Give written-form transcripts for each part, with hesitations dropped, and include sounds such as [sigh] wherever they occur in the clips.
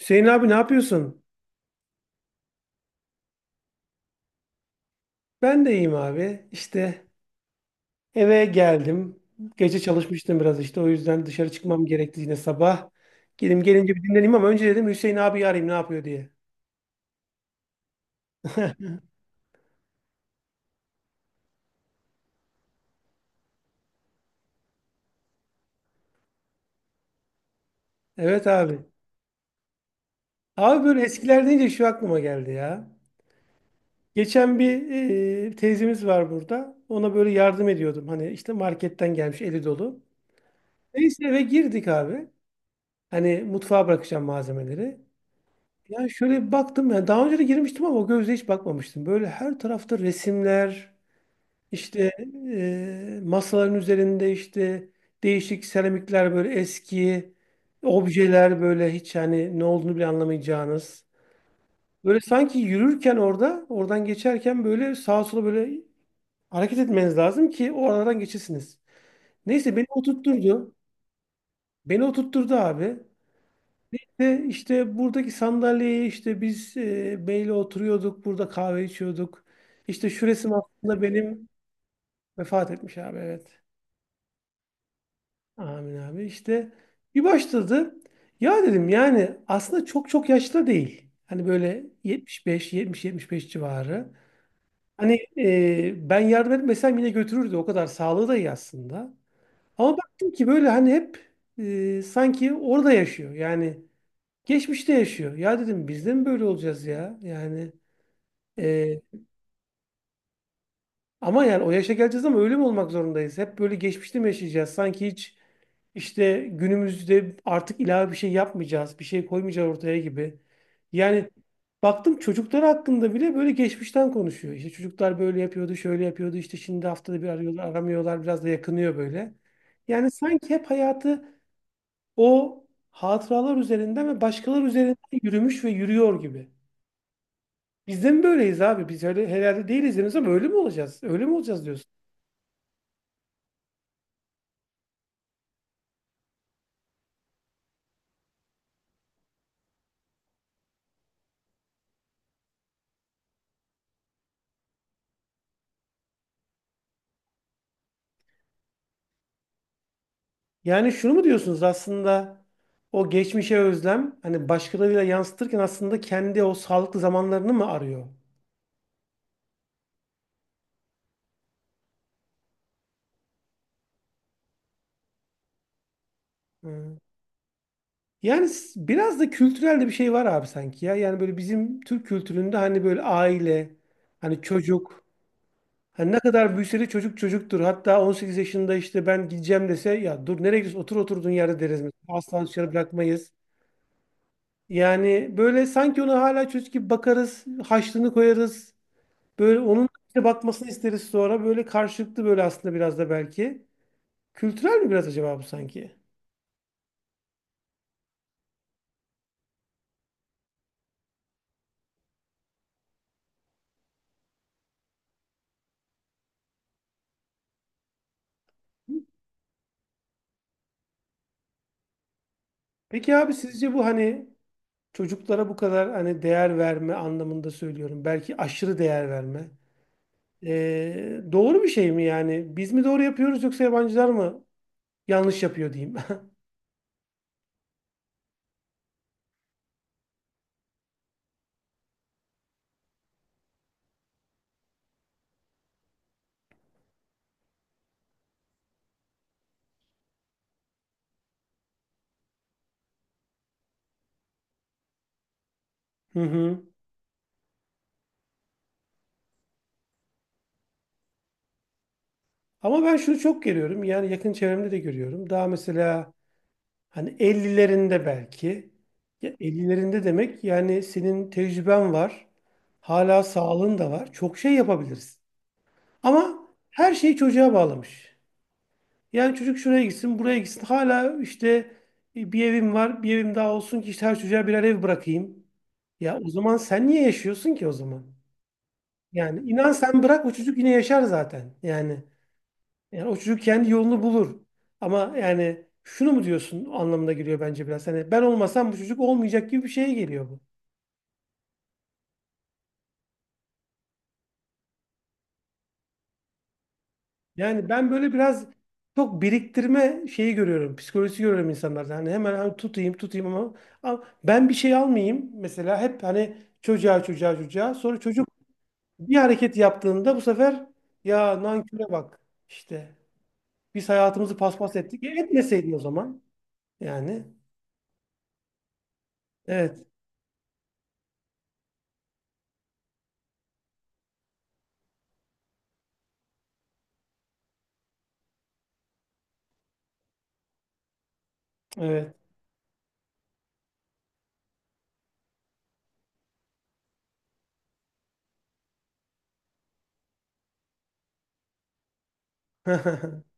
Hüseyin abi ne yapıyorsun? Ben de iyiyim abi. İşte eve geldim. Gece çalışmıştım biraz işte. O yüzden dışarı çıkmam gerekti yine sabah. Gelim gelince bir dinleneyim ama önce dedim Hüseyin abi arayayım ne yapıyor diye. Evet abi. Abi böyle eskiler deyince şu aklıma geldi ya. Geçen bir teyzemiz var burada. Ona böyle yardım ediyordum. Hani işte marketten gelmiş eli dolu. Neyse eve girdik abi. Hani mutfağa bırakacağım malzemeleri. Yani şöyle bir baktım ya daha önce de girmiştim ama o gözle hiç bakmamıştım. Böyle her tarafta resimler, işte masaların üzerinde işte değişik seramikler böyle eski objeler böyle hiç hani ne olduğunu bile anlamayacağınız. Böyle sanki yürürken orada, oradan geçerken böyle sağa sola böyle hareket etmeniz lazım ki o aradan geçesiniz. Neyse beni oturtturdu. Beni oturtturdu abi. Ve işte buradaki sandalyeye işte biz beyle oturuyorduk, burada kahve içiyorduk. İşte şu resim aslında benim vefat etmiş abi evet. Amin abi. İşte bir başladı. Ya dedim yani aslında çok çok yaşlı değil. Hani böyle 75, 70, 75 civarı. Hani ben yardım etmesem yine götürürdü. O kadar sağlığı da iyi aslında. Ama baktım ki böyle hani hep sanki orada yaşıyor. Yani geçmişte yaşıyor. Ya dedim biz de mi böyle olacağız ya? E, ama yani o yaşa geleceğiz ama öyle mi olmak zorundayız? Hep böyle geçmişte mi yaşayacağız? Sanki hiç işte günümüzde artık ilave bir şey yapmayacağız, bir şey koymayacağız ortaya gibi. Yani baktım çocuklar hakkında bile böyle geçmişten konuşuyor. İşte çocuklar böyle yapıyordu, şöyle yapıyordu. İşte şimdi haftada bir arıyorlar, aramıyorlar. Biraz da yakınıyor böyle. Yani sanki hep hayatı o hatıralar üzerinden ve başkaları üzerinden yürümüş ve yürüyor gibi. Biz de mi böyleyiz abi? Biz öyle herhalde değiliz henüz ama öyle mi olacağız? Öyle mi olacağız diyorsun. Yani şunu mu diyorsunuz aslında o geçmişe özlem hani başkalarıyla yansıtırken aslında kendi o sağlıklı zamanlarını mı arıyor? Hı. Yani biraz da kültürel de bir şey var abi sanki ya. Yani böyle bizim Türk kültüründe hani böyle aile, hani çocuk. Hani ne kadar büyüse de çocuk çocuktur. Hatta 18 yaşında işte ben gideceğim dese ya dur nereye gidiyorsun otur oturduğun yerde deriz. Mesela. Asla dışarı bırakmayız. Yani böyle sanki ona hala çocuk gibi bakarız, haşlığını koyarız. Böyle onun bize bakmasını isteriz sonra. Böyle karşılıklı böyle aslında biraz da belki. Kültürel mi biraz acaba bu sanki? Peki abi sizce bu hani çocuklara bu kadar hani değer verme anlamında söylüyorum. Belki aşırı değer verme. Doğru bir şey mi yani? Biz mi doğru yapıyoruz yoksa yabancılar mı yanlış yapıyor diyeyim. [laughs] Hı hı. Ama ben şunu çok görüyorum. Yani yakın çevremde de görüyorum. Daha mesela hani ellilerinde belki. Ya 50'lerinde demek yani senin tecrüben var. Hala sağlığın da var. Çok şey yapabiliriz. Ama her şeyi çocuğa bağlamış. Yani çocuk şuraya gitsin, buraya gitsin. Hala işte bir evim var, bir evim daha olsun ki işte her çocuğa birer ev bırakayım. Ya o zaman sen niye yaşıyorsun ki o zaman? Yani inan sen bırak o çocuk yine yaşar zaten. Yani yani o çocuk kendi yolunu bulur. Ama yani şunu mu diyorsun anlamına geliyor bence biraz. Hani ben olmasam bu çocuk olmayacak gibi bir şeye geliyor bu. Yani ben böyle biraz çok biriktirme şeyi görüyorum. Psikolojisi görüyorum insanlarda. Hani hemen hani tutayım tutayım ama, ama ben bir şey almayayım. Mesela hep hani çocuğa çocuğa çocuğa. Sonra çocuk bir hareket yaptığında bu sefer ya nanküre bak işte. Biz hayatımızı paspas ettik. E, etmeseydin o zaman. Yani evet, evet. [laughs]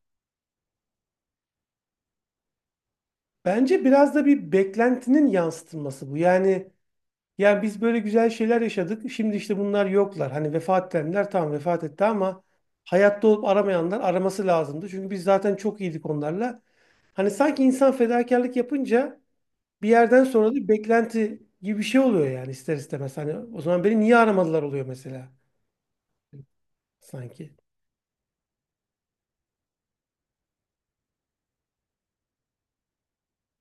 Bence biraz da bir beklentinin yansıtılması bu. Yani yani biz böyle güzel şeyler yaşadık. Şimdi işte bunlar yoklar. Hani vefat edenler tamam vefat etti ama hayatta olup aramayanlar araması lazımdı. Çünkü biz zaten çok iyiydik onlarla. Hani sanki insan fedakarlık yapınca bir yerden sonra da bir beklenti gibi bir şey oluyor yani ister istemez. Hani o zaman beni niye aramadılar oluyor mesela sanki.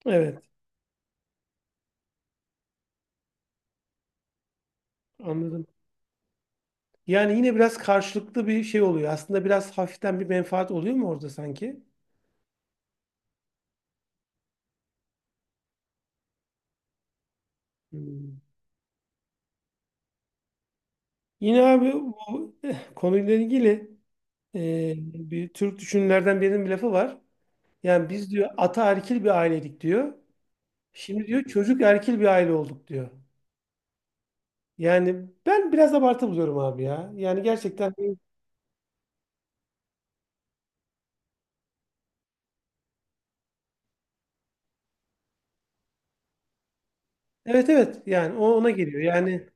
Evet, anladım. Yani yine biraz karşılıklı bir şey oluyor. Aslında biraz hafiften bir menfaat oluyor mu orada sanki? Hmm. Yine abi bu konuyla ilgili bir Türk düşünürlerden birinin bir lafı var. Yani biz diyor ata erkil bir aileydik diyor. Şimdi diyor çocuk erkil bir aile olduk diyor. Yani ben biraz abartı buluyorum abi ya. Yani gerçekten evet, evet yani o ona geliyor. Yani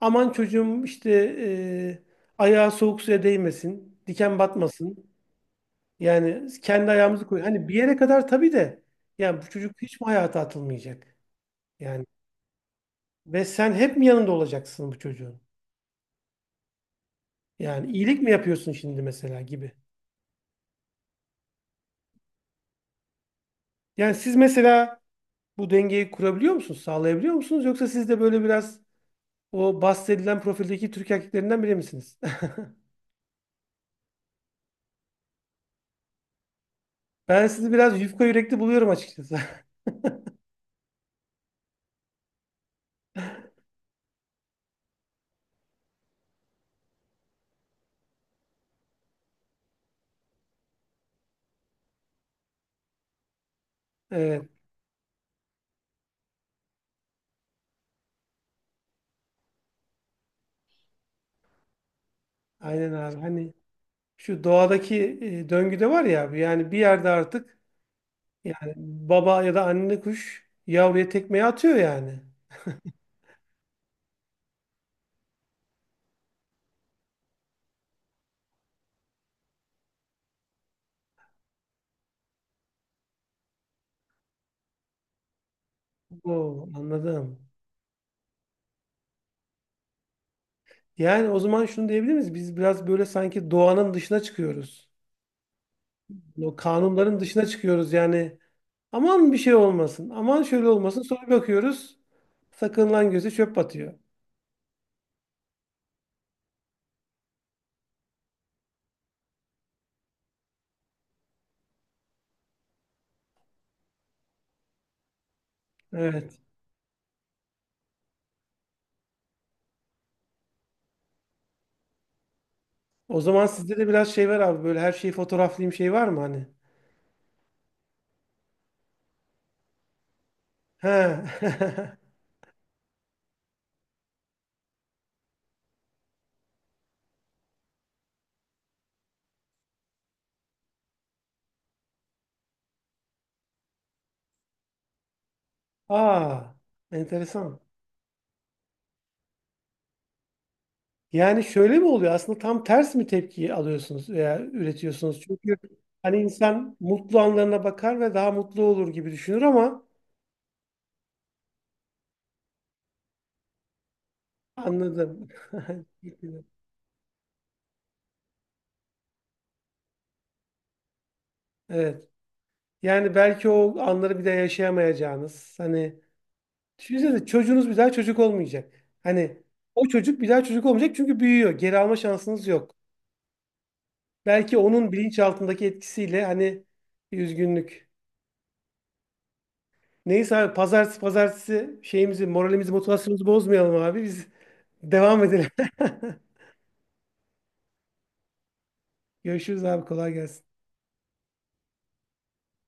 aman çocuğum işte ayağı soğuk suya değmesin, diken batmasın. Yani kendi ayağımızı koy. Hani bir yere kadar tabii de yani bu çocuk hiç mi hayata atılmayacak? Yani ve sen hep mi yanında olacaksın bu çocuğun? Yani iyilik mi yapıyorsun şimdi mesela gibi. Yani siz mesela bu dengeyi kurabiliyor musunuz, sağlayabiliyor musunuz? Yoksa siz de böyle biraz o bahsedilen profildeki Türk erkeklerinden biri misiniz? [laughs] Ben sizi biraz yufka yürekli buluyorum açıkçası. [laughs] Evet, aynen abi. Hani şu doğadaki döngüde var ya yani bir yerde artık yani baba ya da anne kuş yavruya tekmeyi atıyor yani. Oo, anladım. Yani o zaman şunu diyebilir miyiz? Biz biraz böyle sanki doğanın dışına çıkıyoruz. O kanunların dışına çıkıyoruz yani. Aman bir şey olmasın. Aman şöyle olmasın. Sonra bakıyoruz. Sakınılan göze çöp batıyor. Evet. O zaman sizde de biraz şey var abi. Böyle her şeyi fotoğraflayayım şey var mı hani? He. [laughs] Aa. Enteresan. Yani şöyle mi oluyor? Aslında tam ters mi tepki alıyorsunuz veya üretiyorsunuz? Çünkü hani insan mutlu anlarına bakar ve daha mutlu olur gibi düşünür ama anladım. [laughs] Evet. Yani belki o anları bir daha yaşayamayacağınız. Hani düşünsenize çocuğunuz bir daha çocuk olmayacak. Hani o çocuk bir daha çocuk olmayacak çünkü büyüyor. Geri alma şansınız yok. Belki onun bilinçaltındaki etkisiyle hani bir üzgünlük. Neyse abi pazartesi pazartesi şeyimizi, moralimizi, motivasyonumuzu bozmayalım abi. Biz devam edelim. [laughs] Görüşürüz abi kolay gelsin.